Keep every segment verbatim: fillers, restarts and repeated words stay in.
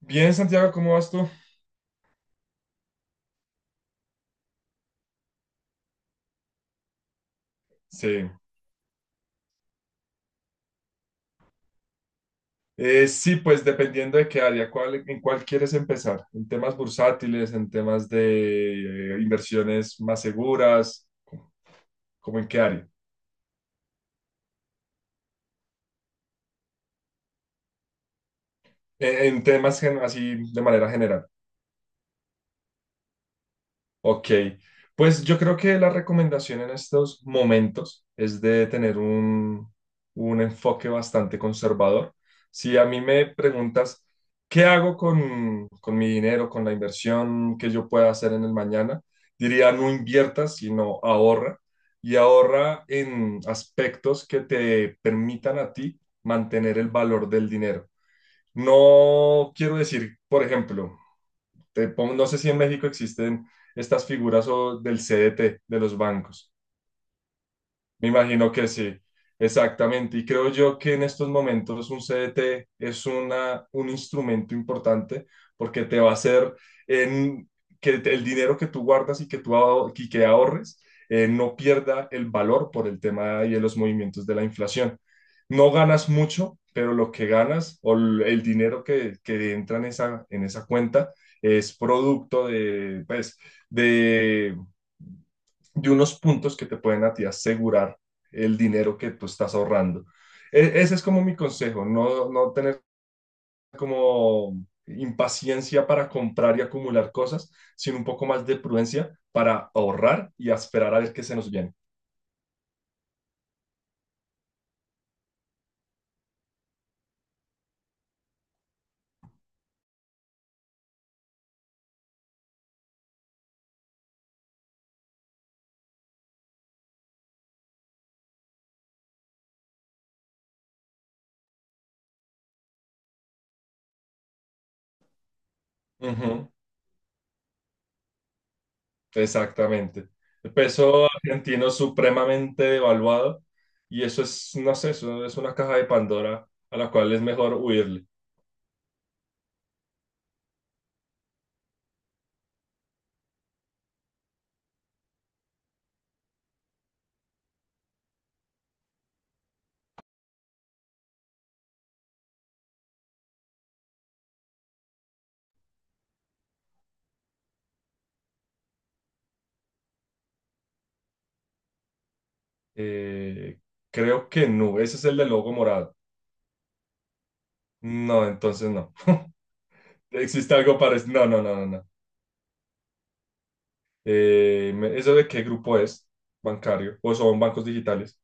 Bien, Santiago, ¿cómo vas tú? Sí. Eh, sí, pues dependiendo de qué área, cuál, en cuál quieres empezar, en temas bursátiles, en temas de eh, inversiones más seguras, como en qué área. Eh, en temas gen- así de manera general. Ok, pues yo creo que la recomendación en estos momentos es de tener un, un enfoque bastante conservador. Si a mí me preguntas, ¿qué hago con, con mi dinero, con la inversión que yo pueda hacer en el mañana? Diría, no inviertas, sino ahorra. Y ahorra en aspectos que te permitan a ti mantener el valor del dinero. No quiero decir, por ejemplo, te pongo- no sé si en México existen estas figuras o del C D T, de los bancos. Me imagino que sí, exactamente. Y creo yo que en estos momentos un C D T es una, un instrumento importante porque te va a hacer en, que te- el dinero que tú guardas y que tú aho- y que ahorres eh, no pierda el valor por el tema y de los movimientos de la inflación. No ganas mucho, pero lo que ganas o l- el dinero que, que entra en esa, en esa cuenta es producto de, pues, de de unos puntos que te pueden a ti asegurar el dinero que tú estás ahorrando. E- ese es como mi consejo, no, no tener como impaciencia para comprar y acumular cosas, sino un poco más de prudencia para ahorrar y a esperar a ver qué se nos viene. Ujú, exactamente. El peso argentino supremamente devaluado, y eso es, no sé, eso es una caja de Pandora a la cual es mejor huirle. Eh, Creo que no, ese es el del logo morado. No, entonces no. ¿Existe algo parecido? No, no, no, no, no. Eh, me- ¿eso de qué grupo es? Bancario. ¿O son bancos digitales?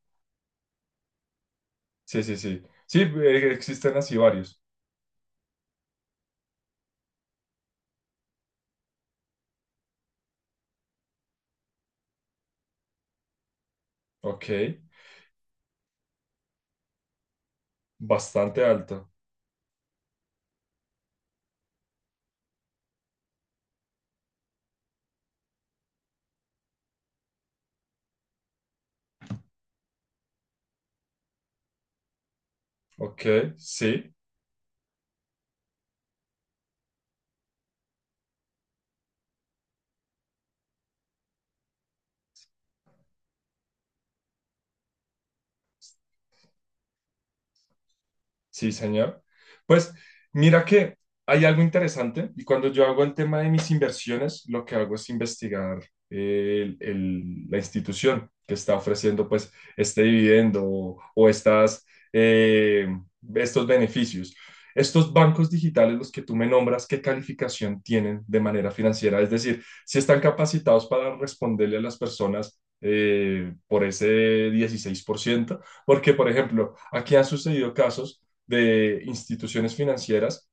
Sí, sí, sí. Sí, eh, existen así varios. Ok. Bastante alto. Ok, sí. Sí, señor. Pues mira que hay algo interesante, y cuando yo hago el tema de mis inversiones, lo que hago es investigar el- el- la institución que está ofreciendo pues este dividendo o, o estas, eh, estos beneficios. Estos bancos digitales, los que tú me nombras, ¿qué calificación tienen de manera financiera? Es decir, si están capacitados para responderle a las personas eh, por ese dieciséis por ciento, porque por ejemplo, aquí han sucedido casos de instituciones financieras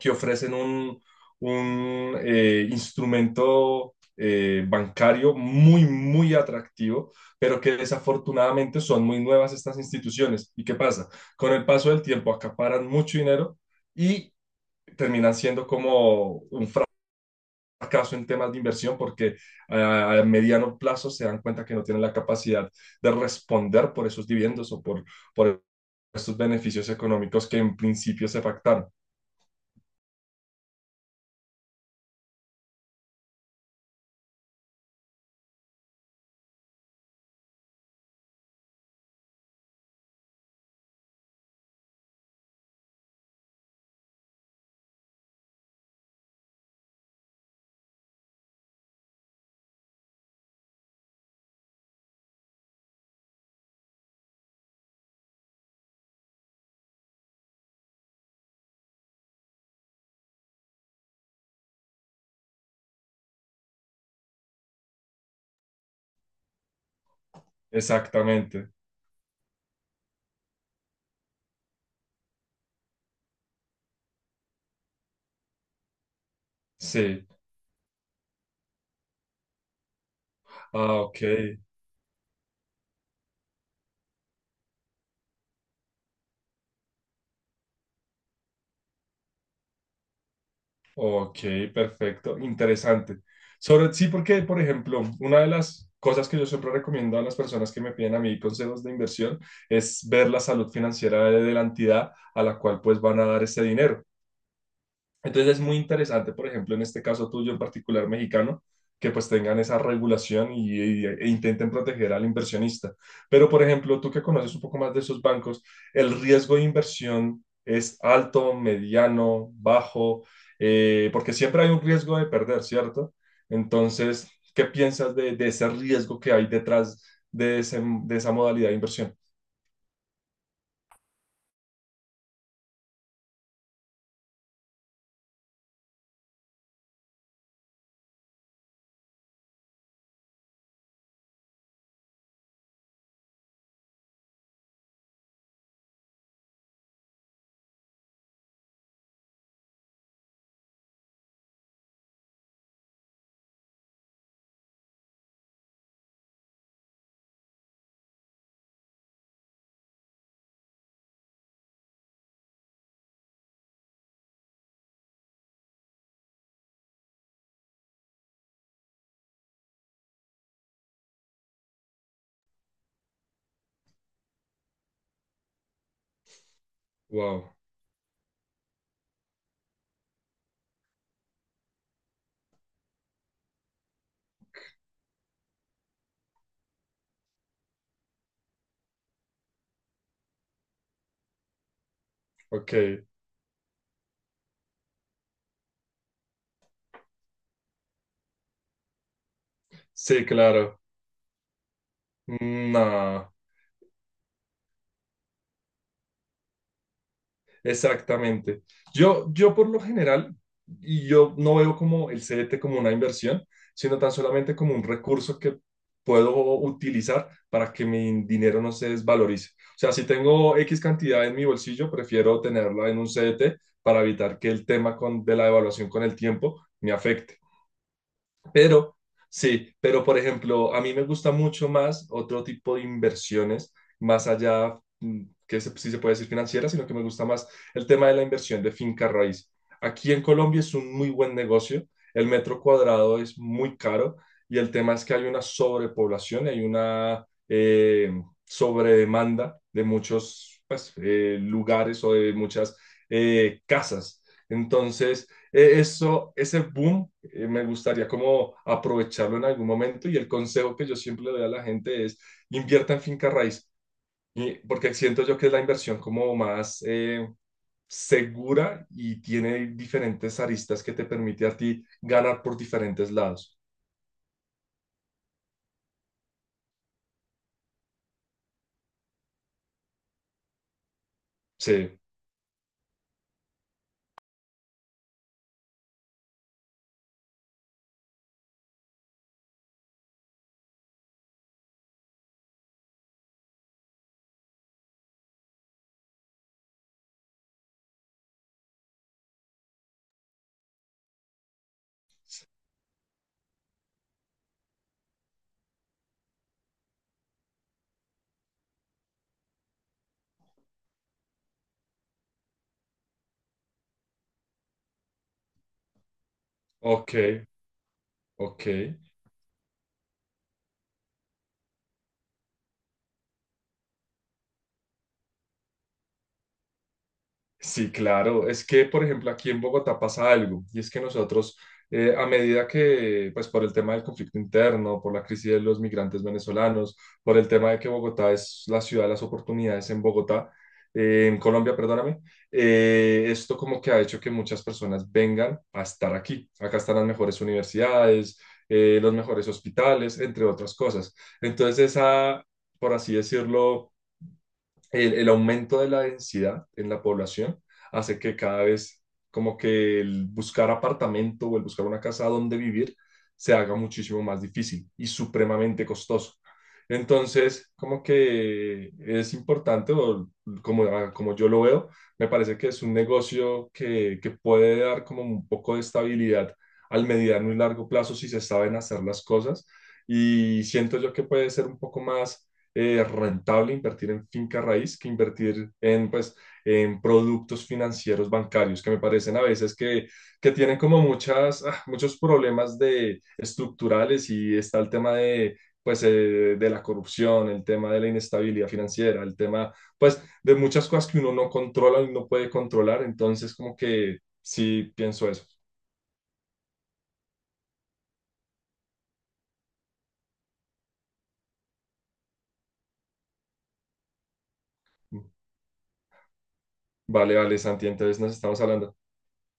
que ofrecen un, un eh, instrumento eh, bancario muy, muy atractivo, pero que desafortunadamente son muy nuevas estas instituciones. ¿Y qué pasa? Con el paso del tiempo acaparan mucho dinero y terminan siendo como un fracaso en temas de inversión, porque a, a mediano plazo se dan cuenta que no tienen la capacidad de responder por esos dividendos o por, por estos beneficios económicos que en principio se pactaron. Exactamente, sí. Ah, ok, ok, perfecto, interesante. Sobre, sí, porque, por ejemplo, una de las cosas que yo siempre recomiendo a las personas que me piden a mí consejos de inversión es ver la salud financiera de, de la entidad a la cual pues van a dar ese dinero. Entonces es muy interesante, por ejemplo, en este caso tuyo en particular mexicano, que pues tengan esa regulación y, y- e intenten proteger al inversionista. Pero, por ejemplo, tú que conoces un poco más de esos bancos, el riesgo de inversión es alto, mediano, bajo, eh, porque siempre hay un riesgo de perder, ¿cierto? Entonces, ¿qué piensas de, de ese riesgo que hay detrás de, ese- de esa modalidad de inversión? Wow, ok, sí, claro. No. Exactamente. Yo, yo por lo general, y yo no veo como el C D T como una inversión, sino tan solamente como un recurso que puedo utilizar para que mi dinero no se desvalorice. O sea, si tengo X cantidad en mi bolsillo, prefiero tenerla en un C D T para evitar que el tema con, de la devaluación con el tiempo me afecte. Pero, sí, pero por ejemplo, a mí me gusta mucho más otro tipo de inversiones, más allá, mm, que se- sí se puede decir financiera, sino que me gusta más el tema de la inversión de finca raíz. Aquí en Colombia es un muy buen negocio, el metro cuadrado es muy caro, y el tema es que hay una sobrepoblación, hay una eh, sobredemanda de muchos pues, eh, lugares o de muchas eh, casas. Entonces, eh, eso, ese boom, eh, me gustaría como aprovecharlo en algún momento, y el consejo que yo siempre le doy a la gente es invierta en finca raíz, y- porque siento yo que es la inversión como más eh, segura, y tiene diferentes aristas que te permite a ti ganar por diferentes lados. Sí, ok, ok. Sí, claro. Es que, por ejemplo, aquí en Bogotá pasa algo, y es que nosotros, eh, a medida que, pues por el tema del conflicto interno, por la crisis de los migrantes venezolanos, por el tema de que Bogotá es la ciudad de las oportunidades en Bogotá, eh, en Colombia, perdóname, eh, esto como que ha hecho que muchas personas vengan a estar aquí. Acá están las mejores universidades, eh, los mejores hospitales, entre otras cosas. Entonces, esa, por así decirlo, el, el aumento de la densidad en la población hace que cada vez como que el buscar apartamento o el buscar una casa donde vivir se haga muchísimo más difícil y supremamente costoso. Entonces, como que es importante, o como, ah, como yo lo veo, me parece que es un negocio que, que puede dar como un poco de estabilidad al mediano y largo plazo si se saben hacer las cosas. Y siento yo que puede ser un poco más eh, rentable invertir en finca raíz que invertir en, pues, en productos financieros bancarios, que me parecen a veces que, que tienen como muchas, ah, muchos problemas de, estructurales, y está el tema de, pues, eh, de la corrupción, el tema de la inestabilidad financiera, el tema pues, de muchas cosas que uno no controla y no puede controlar. Entonces, como que sí pienso eso. Vale, vale, Santi, entonces nos estamos hablando.